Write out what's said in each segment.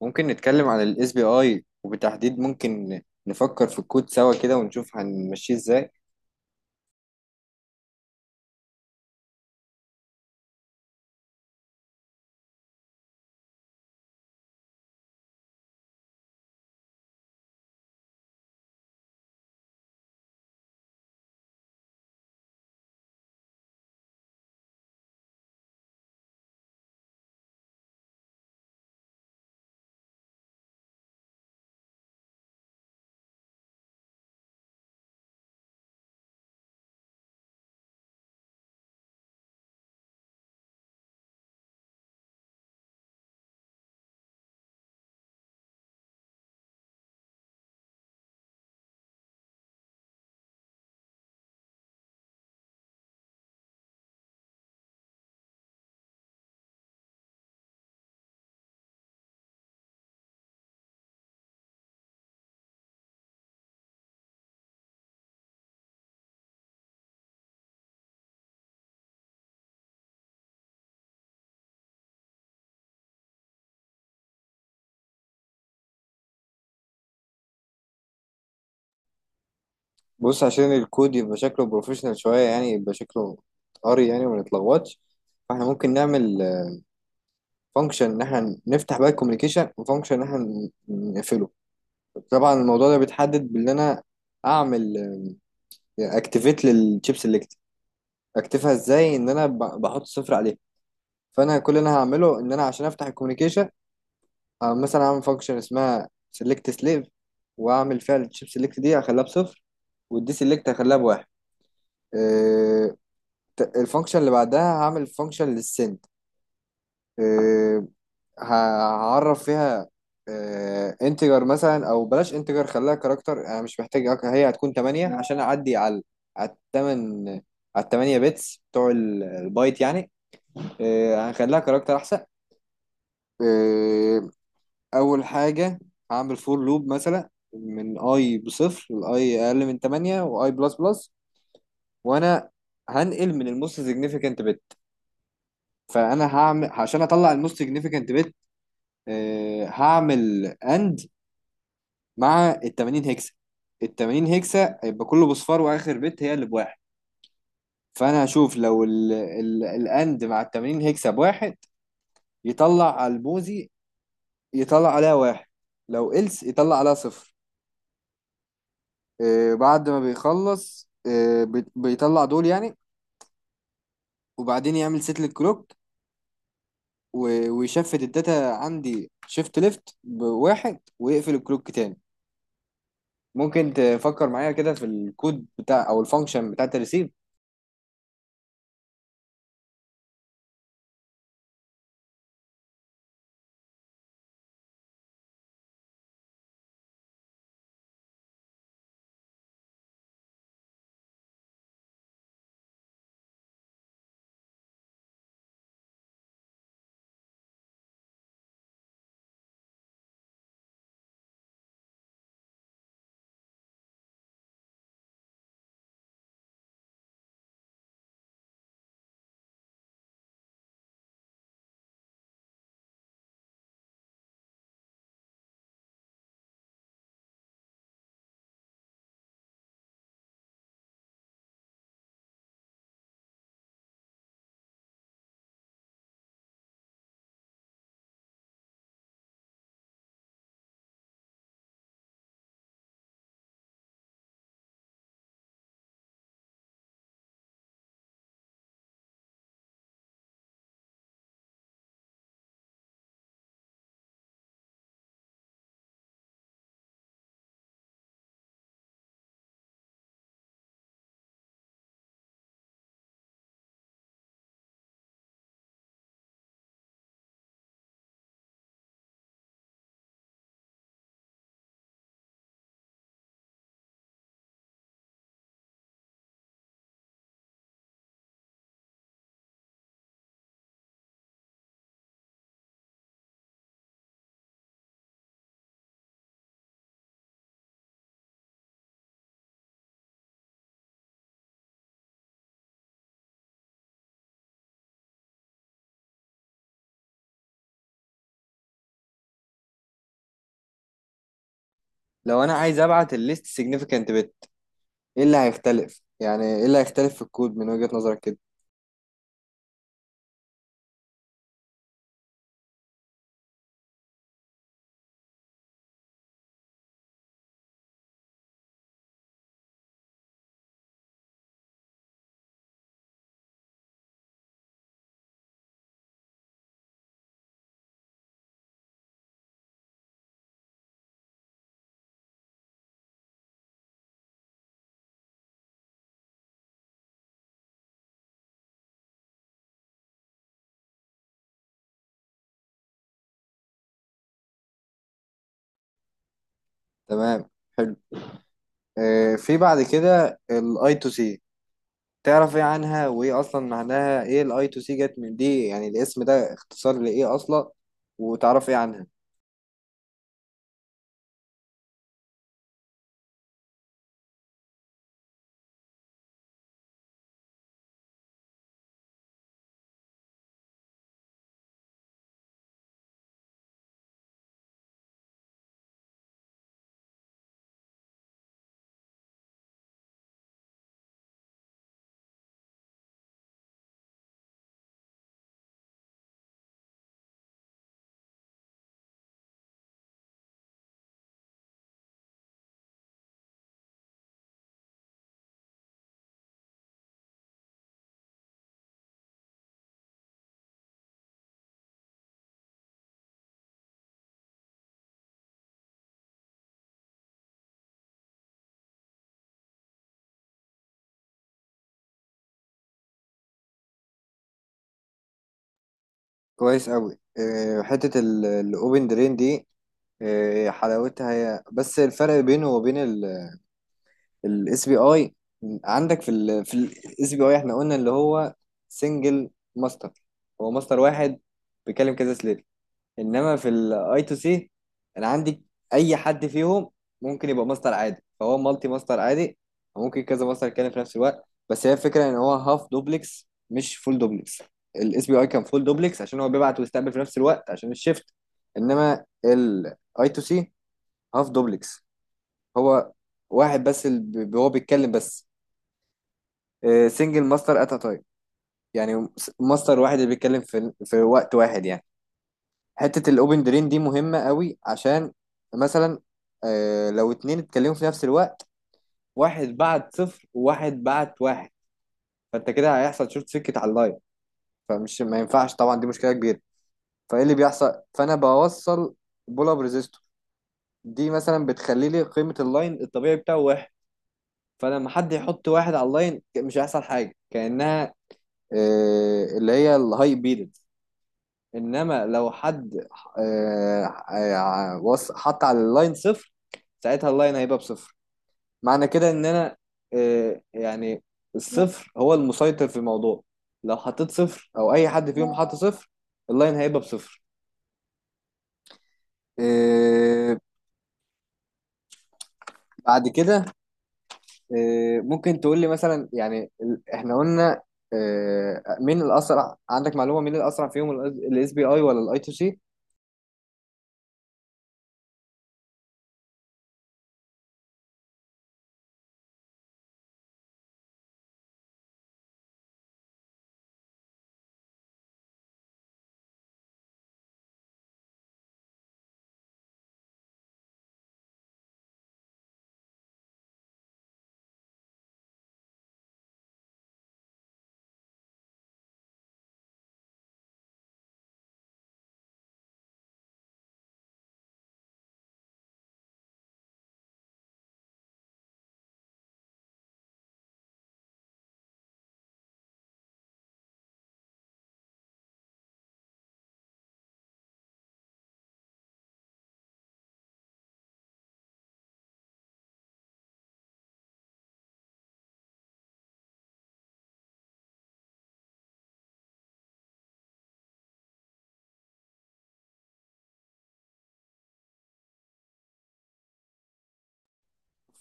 ممكن نتكلم عن الاس بي اي وبالتحديد ممكن نفكر في الكود سوا كده ونشوف هنمشيه ازاي؟ بص، عشان الكود يبقى شكله بروفيشنال شوية يعني يبقى شكله قري يعني وما نتلخبطش، فاحنا ممكن نعمل فانكشن ان احنا نفتح بقى الكوميونيكيشن وفانكشن ان احنا نقفله. طبعا الموضوع ده بيتحدد بان انا اعمل اكتيفيت للشيب سيلكت. اكتفها ازاي؟ ان انا بحط صفر عليه. فانا كل اللي انا هعمله ان انا عشان افتح الكوميونيكيشن، مثلا اعمل فانكشن اسمها سيلكت سليف، واعمل فيها الشيب سيلكت دي هخليها بصفر والدي سيلكت هخليها بواحد. آه، الفانكشن اللي بعدها هعمل فانكشن للسند. آه، ه- هعرف فيها انتجر مثلا او بلاش انتجر خليها كاركتر، انا مش محتاج هي هتكون 8 عشان اعدي على التمن، على التمانية بيتس بتوع البايت يعني. هنخليها كاركتر احسن. آه، اول حاجه هعمل فور لوب مثلا من اي بصفر لاي اقل من 8 واي بلس بلس، وانا هنقل من الموست سيجنيفيكانت بت. فانا هعمل عشان اطلع الموست سيجنيفيكانت بت، هعمل اند مع ال 80 هكسه. ال 80 هكسه هيبقى كله بصفار واخر بت هي اللي بواحد. فانا هشوف لو الاند مع ال 80 هكسه بواحد يطلع على الموزي، يطلع عليها واحد، لو إلس يطلع عليها صفر. بعد ما بيخلص بيطلع دول يعني، وبعدين يعمل سيت للكلوك ويشفت الداتا عندي شيفت ليفت بواحد ويقفل الكلوك تاني. ممكن تفكر معايا كده في الكود بتاع او الفانكشن بتاعت الريسيف؟ لو انا عايز ابعت الليست سيجنيفيكانت بت، ايه اللي هيختلف؟ يعني ايه اللي هيختلف في الكود من وجهة نظرك كده؟ تمام، حلو. في بعد كده الاي تو سي، تعرف ايه عنها؟ وايه اصلا معناها؟ ايه الاي تو سي جت من دي يعني، الاسم ده اختصار لايه اصلا؟ وتعرف ايه عنها؟ كويس قوي. حتة الاوبن درين دي حلاوتها، هي بس الفرق بينه وبين الاس بي اي. عندك في الاس بي اي، احنا قلنا اللي هو سنجل ماستر، هو ماستر واحد بيكلم كذا سليف. انما في الاي تو سي، انا عندي اي حد فيهم ممكن يبقى ماستر عادي، فهو مالتي ماستر عادي، وممكن كذا ماستر يتكلم في نفس الوقت، بس هي الفكره ان هو هاف دوبلكس مش فول دوبلكس. الاس بي اي كان فول دوبلكس عشان هو بيبعت ويستقبل في نفس الوقت عشان الشيفت، انما الاي تو سي هاف دوبلكس. هو واحد بس اللي هو بيتكلم بس، سنجل ماستر ات ا تايم، يعني ماستر واحد اللي بيتكلم في وقت واحد يعني. حتة الاوبن درين دي مهمة قوي عشان مثلا، لو اتنين اتكلموا في نفس الوقت، واحد بعت صفر وواحد بعت واحد، فانت كده هيحصل شورت سيركت على اللاين، فمش ما ينفعش طبعا، دي مشكلة كبيرة. فايه اللي بيحصل؟ فانا بوصل بول اب ريزيستور، دي مثلا بتخلي لي قيمة اللاين الطبيعي بتاعه واحد، فلما حد يحط واحد على اللاين مش هيحصل حاجة، كأنها اللي هي الهاي بيد. انما لو حد آه، حط على اللاين صفر، ساعتها اللاين هيبقى بصفر. معنى كده ان انا، يعني الصفر هو المسيطر في الموضوع، لو حطيت صفر او اي حد فيهم حط صفر، اللاين هيبقى بصفر. آه، بعد كده، ممكن تقول لي مثلا يعني احنا قلنا، مين الاسرع؟ عندك معلومة مين الاسرع فيهم، الاس بي اي ولا الاي تو سي؟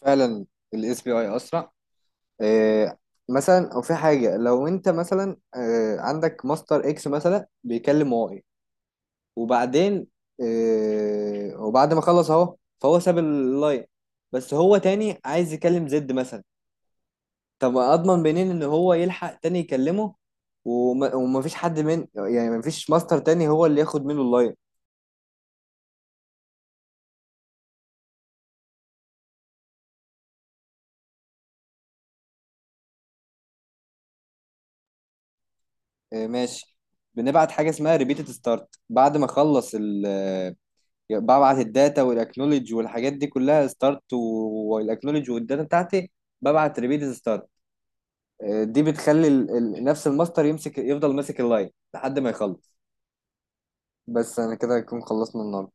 فعلا الاس بي اي اسرع. آه، مثلا او في حاجه، لو انت مثلا عندك ماستر اكس مثلا بيكلم واي، وبعدين وبعد ما خلص اهو، فهو ساب اللاين، بس هو تاني عايز يكلم زد مثلا، طب اضمن منين ان هو يلحق تاني يكلمه، وما ومفيش حد، من يعني مفيش ماستر تاني هو اللي ياخد منه اللاين. ماشي، بنبعت حاجه اسمها ريبيتد ستارت، بعد ما اخلص ببعت الداتا والاكنولج والحاجات دي كلها، ستارت والاكنولج والداتا بتاعتي، ببعت ريبيت ستارت، دي بتخلي نفس الماستر يمسك، يفضل ماسك اللاين لحد ما يخلص. بس انا كده هكون خلصنا النهارده.